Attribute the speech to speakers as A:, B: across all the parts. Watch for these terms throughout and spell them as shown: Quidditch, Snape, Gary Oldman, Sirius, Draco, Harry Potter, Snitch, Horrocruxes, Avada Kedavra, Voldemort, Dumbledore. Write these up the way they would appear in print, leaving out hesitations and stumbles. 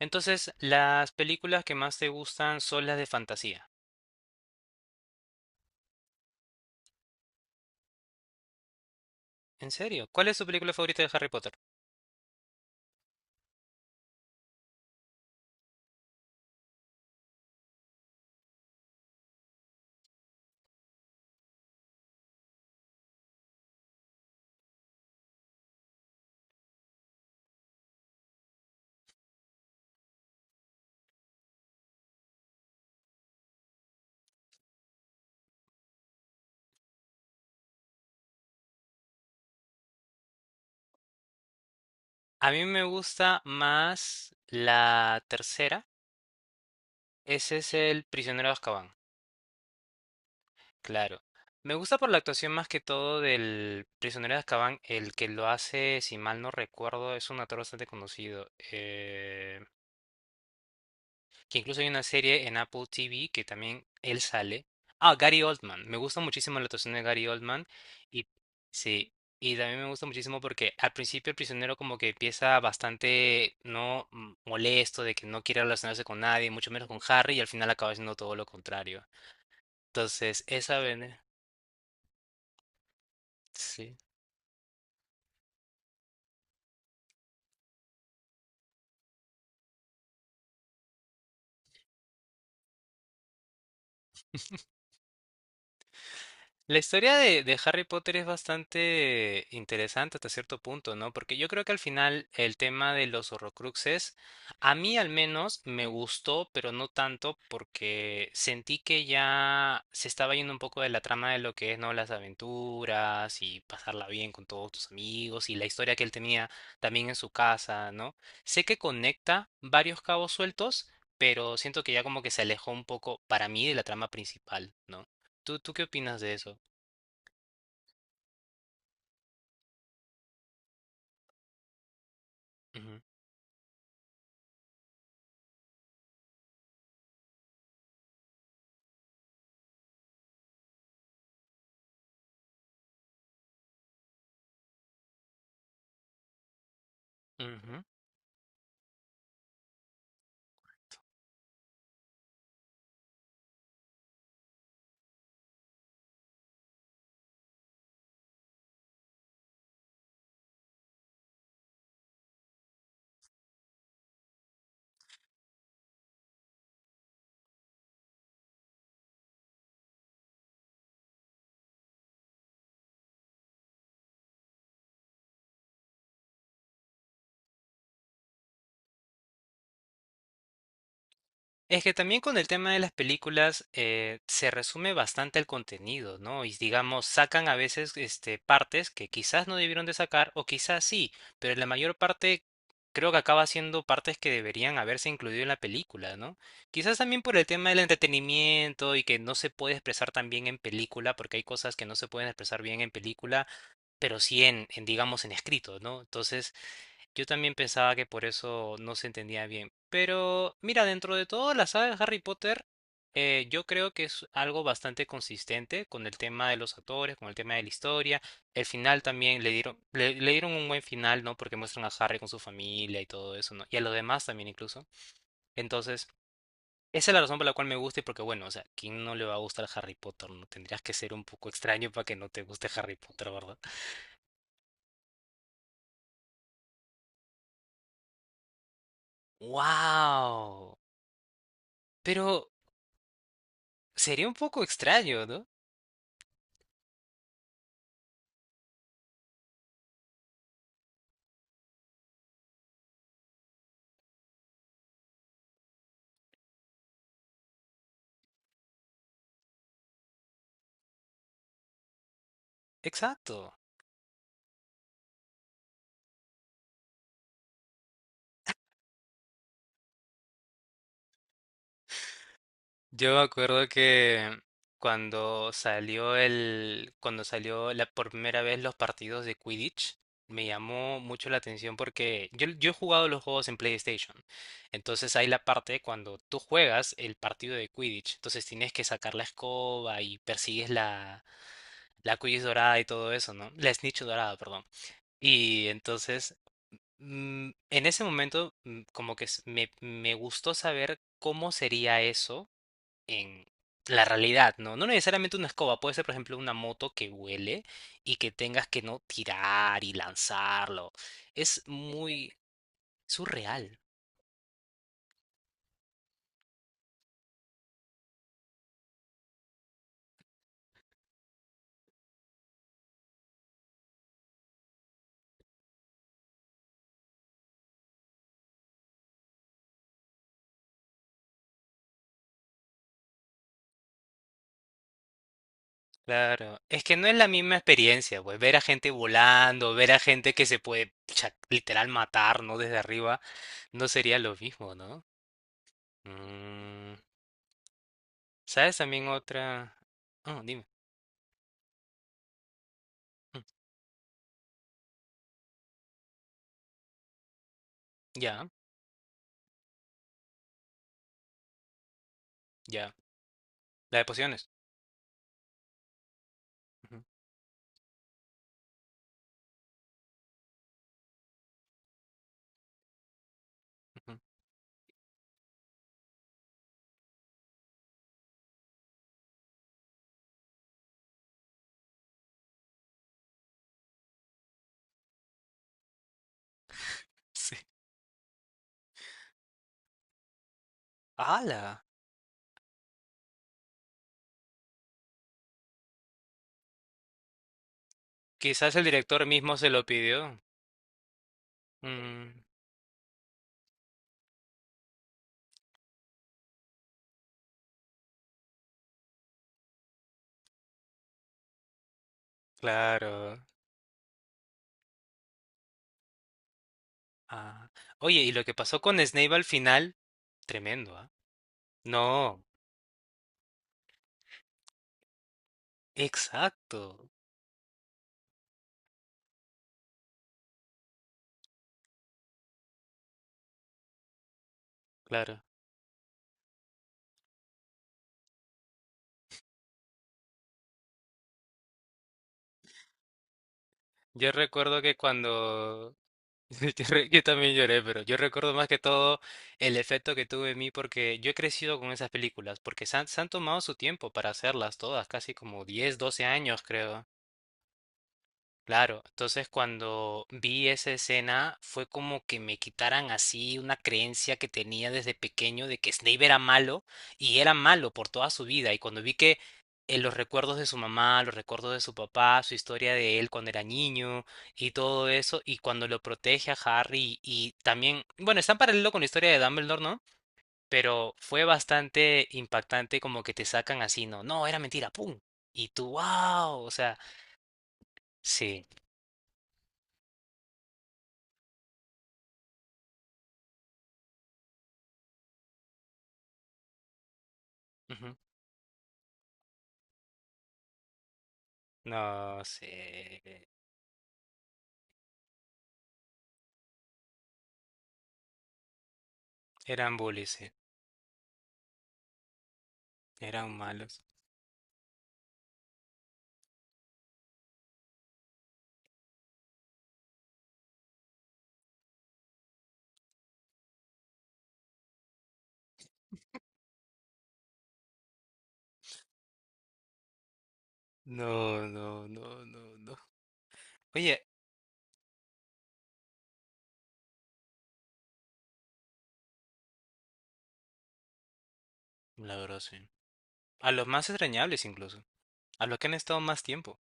A: Entonces, las películas que más te gustan son las de fantasía. ¿En serio? ¿Cuál es tu película favorita de Harry Potter? A mí me gusta más la tercera. Ese es el Prisionero de Azkaban. Claro. Me gusta por la actuación más que todo del Prisionero de Azkaban. El que lo hace, si mal no recuerdo, es un actor bastante conocido, que incluso hay una serie en Apple TV que también él sale. Ah, Gary Oldman. Me gusta muchísimo la actuación de Gary Oldman. Y sí, y también me gusta muchísimo porque al principio el prisionero como que empieza bastante, no, molesto de que no quiere relacionarse con nadie, mucho menos con Harry, y al final acaba siendo todo lo contrario. Entonces, sí. La historia de Harry Potter es bastante interesante hasta cierto punto, ¿no? Porque yo creo que al final el tema de los Horrocruxes, a mí al menos me gustó, pero no tanto porque sentí que ya se estaba yendo un poco de la trama de lo que es, ¿no? Las aventuras y pasarla bien con todos tus amigos y la historia que él tenía también en su casa, ¿no? Sé que conecta varios cabos sueltos, pero siento que ya como que se alejó un poco para mí de la trama principal, ¿no? ¿Tú qué opinas de eso? Ujú, ujú. Es que también con el tema de las películas, se resume bastante el contenido, ¿no? Y digamos, sacan a veces partes que quizás no debieron de sacar o quizás sí, pero la mayor parte creo que acaba siendo partes que deberían haberse incluido en la película, ¿no? Quizás también por el tema del entretenimiento y que no se puede expresar tan bien en película, porque hay cosas que no se pueden expresar bien en película, pero sí en digamos, en escrito, ¿no? Entonces... Yo también pensaba que por eso no se entendía bien. Pero mira, dentro de toda la saga de Harry Potter, yo creo que es algo bastante consistente con el tema de los actores, con el tema de la historia. El final también le dieron, le dieron un buen final, ¿no? Porque muestran a Harry con su familia y todo eso, ¿no? Y a los demás también incluso. Entonces, esa es la razón por la cual me gusta y porque, bueno, o sea, ¿quién no le va a gustar Harry Potter? No tendrías que ser un poco extraño para que no te guste Harry Potter, ¿verdad? ¡Wow! Pero sería un poco extraño, ¿no? Exacto. Yo me acuerdo que cuando cuando salió la por primera vez los partidos de Quidditch, me llamó mucho la atención porque yo he jugado los juegos en PlayStation. Entonces hay la parte cuando tú juegas el partido de Quidditch. Entonces tienes que sacar la escoba y persigues la Quidditch dorada y todo eso, ¿no? La Snitch dorada. Y entonces, en ese momento, como que me gustó saber cómo sería eso en la realidad, ¿no? No necesariamente una escoba, puede ser, por ejemplo, una moto que huele y que tengas que no tirar y lanzarlo. Es muy surreal. Claro, es que no es la misma experiencia, pues ver a gente volando, ver a gente que se puede literal matar, ¿no? Desde arriba, no sería lo mismo, ¿no? Mm. ¿Sabes también otra? Oh, dime. Mm, ya, ya. La de pociones. Ujú, ujú. Sí. ¡Hala! Quizás el director mismo se lo pidió. Mm, claro. Ah. Oye, y lo que pasó con Snape al final, tremendo, ¿ah? No, exacto. Claro. Yo recuerdo que cuando yo yo también lloré, pero yo recuerdo más que todo el efecto que tuvo en mí porque yo he crecido con esas películas, porque se han tomado su tiempo para hacerlas todas, casi como 10, 12 años creo. Claro, entonces cuando vi esa escena fue como que me quitaran así una creencia que tenía desde pequeño de que Snape era malo y era malo por toda su vida y cuando vi que en los recuerdos de su mamá, los recuerdos de su papá, su historia de él cuando era niño y todo eso y cuando lo protege a Harry y también, bueno, está en paralelo con la historia de Dumbledore, ¿no? Pero fue bastante impactante como que te sacan así, ¿no? No, era mentira, ¡pum! Y tú, wow, o sea, sí. No sé. Eran bullies, sí. Eran malos. No, no, no, no, no. Oye, la verdad, sí. A los más extrañables incluso. A los que han estado más tiempo.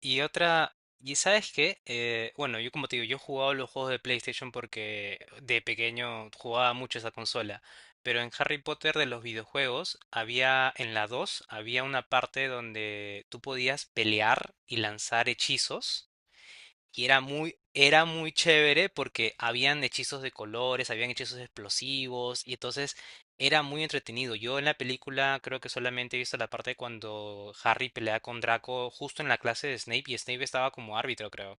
A: Y otra... ¿Y sabes qué? Bueno, yo como te digo, yo jugaba los juegos de PlayStation porque de pequeño jugaba mucho esa consola. Pero en Harry Potter de los videojuegos en la 2 había una parte donde tú podías pelear y lanzar hechizos. Y era muy chévere porque habían hechizos de colores, habían hechizos explosivos, y entonces era muy entretenido. Yo en la película creo que solamente he visto la parte cuando Harry pelea con Draco justo en la clase de Snape, y Snape estaba como árbitro, creo.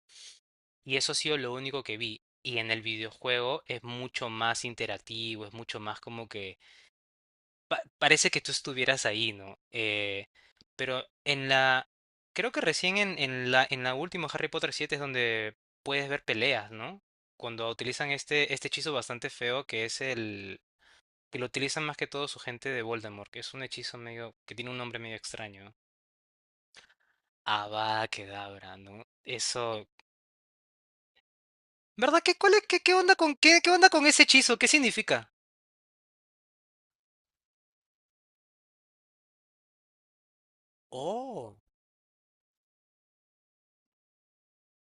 A: Y eso ha sido lo único que vi. Y en el videojuego es mucho más interactivo, es mucho más como que parece que tú estuvieras ahí, ¿no? Pero en la... Creo que recién en la última Harry Potter 7 es donde puedes ver peleas, ¿no? Cuando utilizan este hechizo bastante feo que es el... que lo utilizan más que todo su gente de Voldemort, que es un hechizo medio... que tiene un nombre medio extraño. Avada Kedavra, ¿no? Eso... ¿Verdad? ¿Qué, cuál es- qué, qué onda con, qué, qué onda con, ese hechizo? ¿Qué significa? Oh,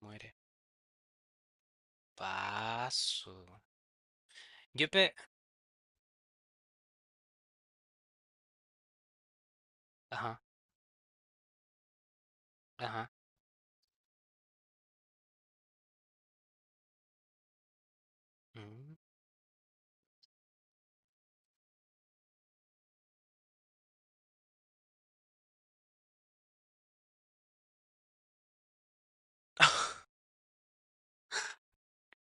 A: muere. Paso. Yo pe... Ajá, ajá. Mm.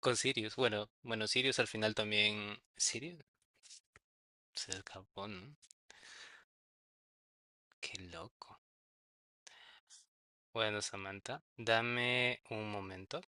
A: Con Sirius, bueno, bueno, Sirius al final también. Sirius se escapó, ¿no? Qué loco. Bueno, Samantha, dame un momento.